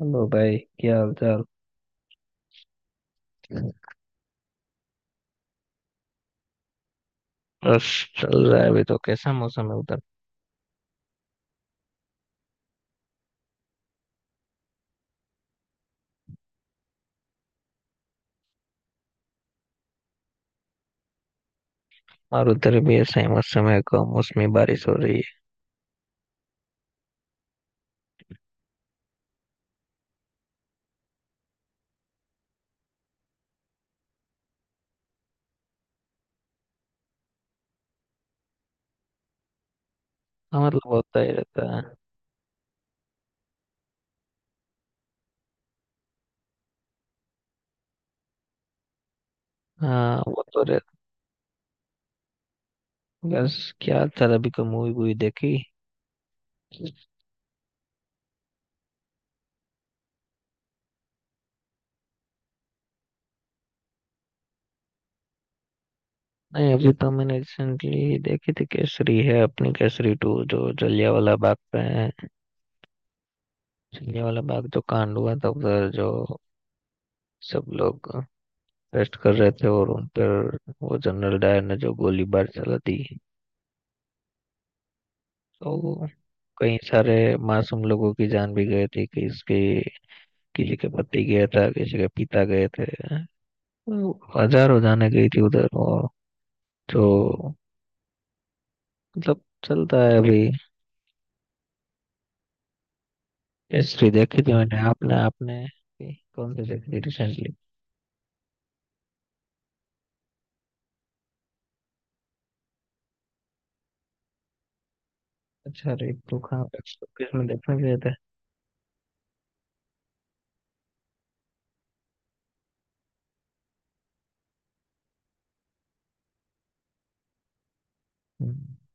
Hello भाई, क्या हाल चाल। बस चल रहा है। अभी तो कैसा मौसम है उधर? और उधर भी ऐसा ही मौसम है, कम मौसमी बारिश हो रही है। हाँ मतलब होता ही रहता है। हाँ वो तो रहता। बस क्या चल, अभी कोई मूवी वूवी देखी? नहीं, अभी तो मैंने रिसेंटली देखी थी, केसरी है अपनी, केसरी टू, जो जलियांवाला बाग पे है। जलियांवाला बाग जो कांड हुआ था उधर, जो सब लोग रेस्ट कर रहे थे और उन पर वो जनरल डायर ने जो गोलीबार चला दी। तो कई सारे मासूम लोगों की जान भी गई थी। किसी के पति गया था, किसी के पिता गए थे। तो हजारों जाने गई थी उधर। और जो मतलब चलता है अभी। हिस्ट्री देखी थी मैंने। आपने आपने भी कौन सी देखी थी रिसेंटली? अच्छा, रे तो कहाँ पे, किस में देखने गए थे? हम्म।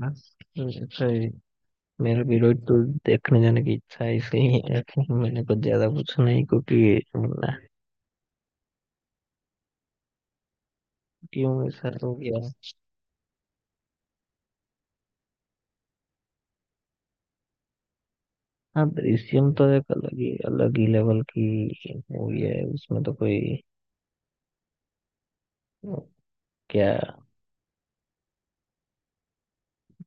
बस अच्छा ही। मेरा भी रोज तो देखने जाने की इच्छा है, इसलिए मैंने कुछ ज्यादा पूछा नहीं क्योंकि क्यों ऐसा हो गया। हाँ, दृश्यम तो एक अलग ही लेवल की मूवी है। उसमें तो कोई क्या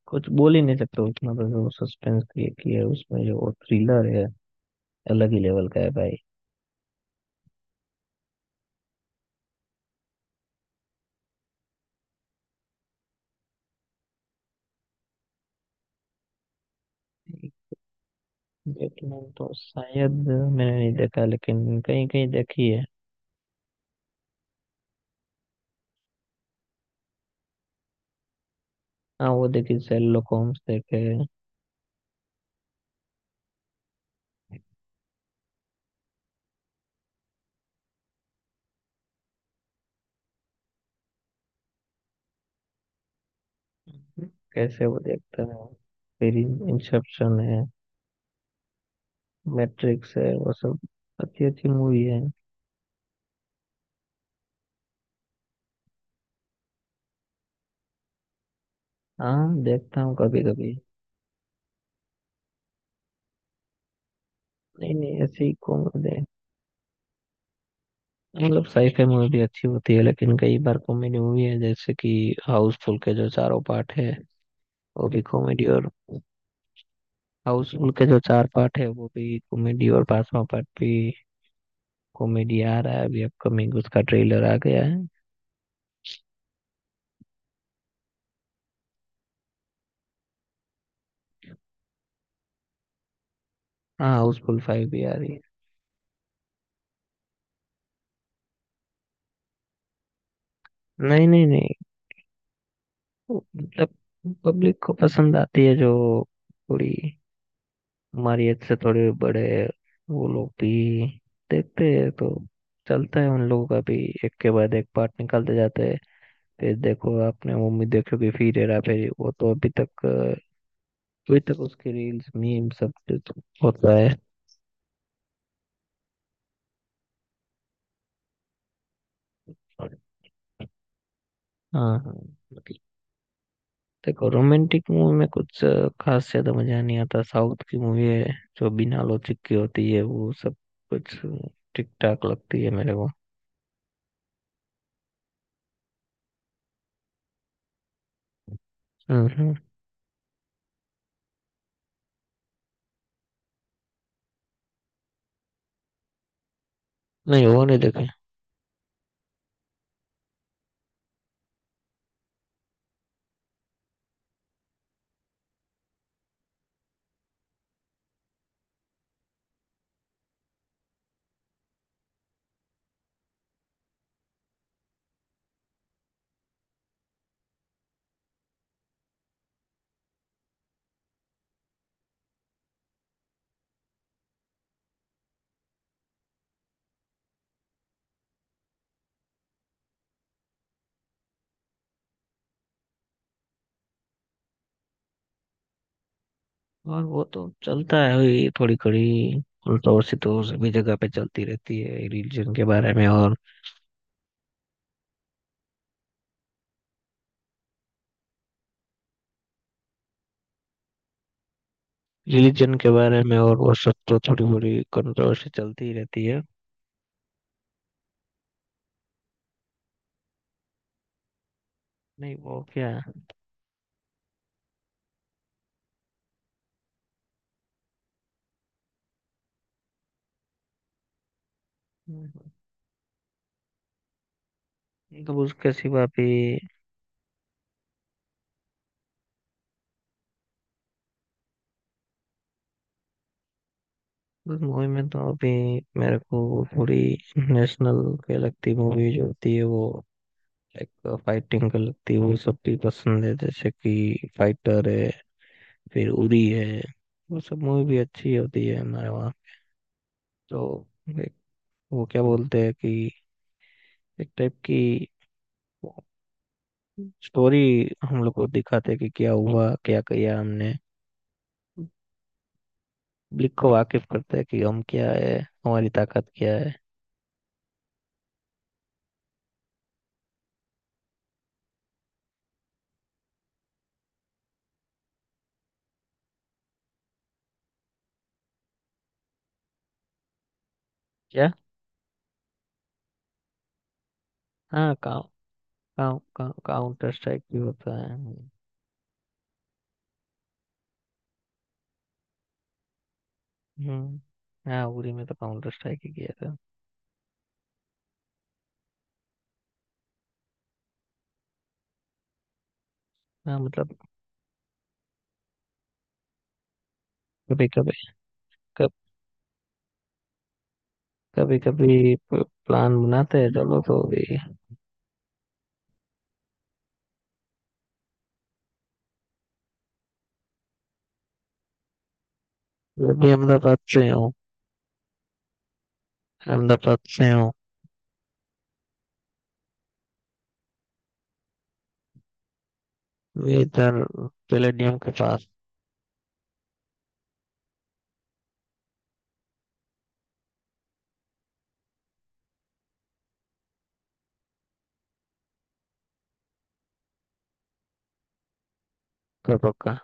कुछ बोल ही नहीं सकते। उसमें तो जो सस्पेंस क्रिएट किया है, उसमें जो थ्रिलर है, अलग ही लेवल का है भाई। बैटमैन तो शायद मैंने नहीं देखा, लेकिन कहीं कहीं देखी है। हाँ वो देखी, शेरलॉक होम्स देखे। कैसे वो देखता है। फिर इंसेप्शन है, मैट्रिक्स है, वो सब अच्छी अच्छी मूवी है। हाँ देखता हूँ कभी कभी। नहीं नहीं, ऐसे ही कॉमेडी। मतलब साईफाई मूवी भी अच्छी होती है, लेकिन कई बार कॉमेडी मूवी है, जैसे कि हाउसफुल के जो चारों पार्ट है, वो भी कॉमेडी। और हाउसफुल के जो चार पार्ट है, वो भी कॉमेडी और पांचवा पार्ट भी कॉमेडी आ रहा है अभी, अपकमिंग, उसका ट्रेलर आ गया है। हाँ, हाउसफुल फाइव भी आ रही है। नहीं नहीं नहीं। वो मतलब पब्लिक को पसंद आती है, जो थोड़ी हमारी एज से थोड़े बड़े वो लोग भी देखते हैं, तो चलता है उन लोगों का भी। एक के बाद एक पार्ट निकालते जाते हैं। फिर देखो आपने, मम्मी देखोगे, फिर हेरा फेरी, वो तो अभी तक उसकी रील्स, मीम सब कुछ होता है। हाँ हाँ। देखो, रोमांटिक मूवी में कुछ खास ज्यादा मजा नहीं आता। साउथ की मूवी है जो बिना लॉजिक की होती है वो सब कुछ ठीक ठाक लगती है मेरे को। हम्म हम्म। नहीं, वो नहीं देखे। और वो तो चलता है, वही थोड़ी खड़ी उल्टा और सिद्धों सभी जगह पे चलती रहती है। रिलीजन के बारे में और रिलीजन के बारे में और वो सब तो थोड़ी बड़ी कंट्रोवर्सी चलती ही रहती है। नहीं वो क्या? मतलब उसके सिवा भी। उस मूवी में तो अभी मेरे को वो पूरी, नेशनल के लगती मूवी जो होती है वो, एक फाइटिंग का लगती है वो सब भी पसंद है, जैसे कि फाइटर है, फिर उरी है, वो सब मूवी भी अच्छी होती है हमारे वहाँ। तो एक वो क्या बोलते हैं कि एक टाइप की स्टोरी हम लोग को दिखाते हैं कि क्या हुआ, क्या किया हमने। पब्लिक को वाकिफ करते हैं कि हम क्या है, हमारी ताकत क्या है। क्या? हाँ, काउ काउ काउ काउंटर स्ट्राइक भी होता है। हम्म। हाँ, उरी में तो काउंटर स्ट्राइक ही किया था। हाँ मतलब। कभी कभी कब कभी कभी प्लान बनाते हैं, चलो तो भी। मैं भी अहमदाबाद से हूँ। अहमदाबाद से हूँ मैं इधर पैलेडियम के पास। का पक्का।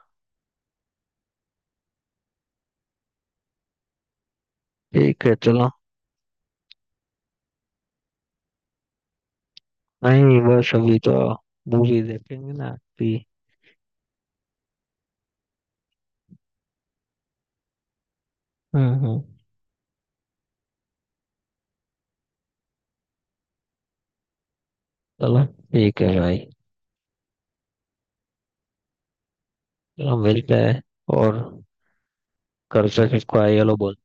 ठीक है चलो। नहीं बस, अभी तो मूवी देखेंगे ना अभी। हम्म। चलो, ठीक है भाई। चलो, मिलते हैं। और घर से किसको आई हेलो बोल।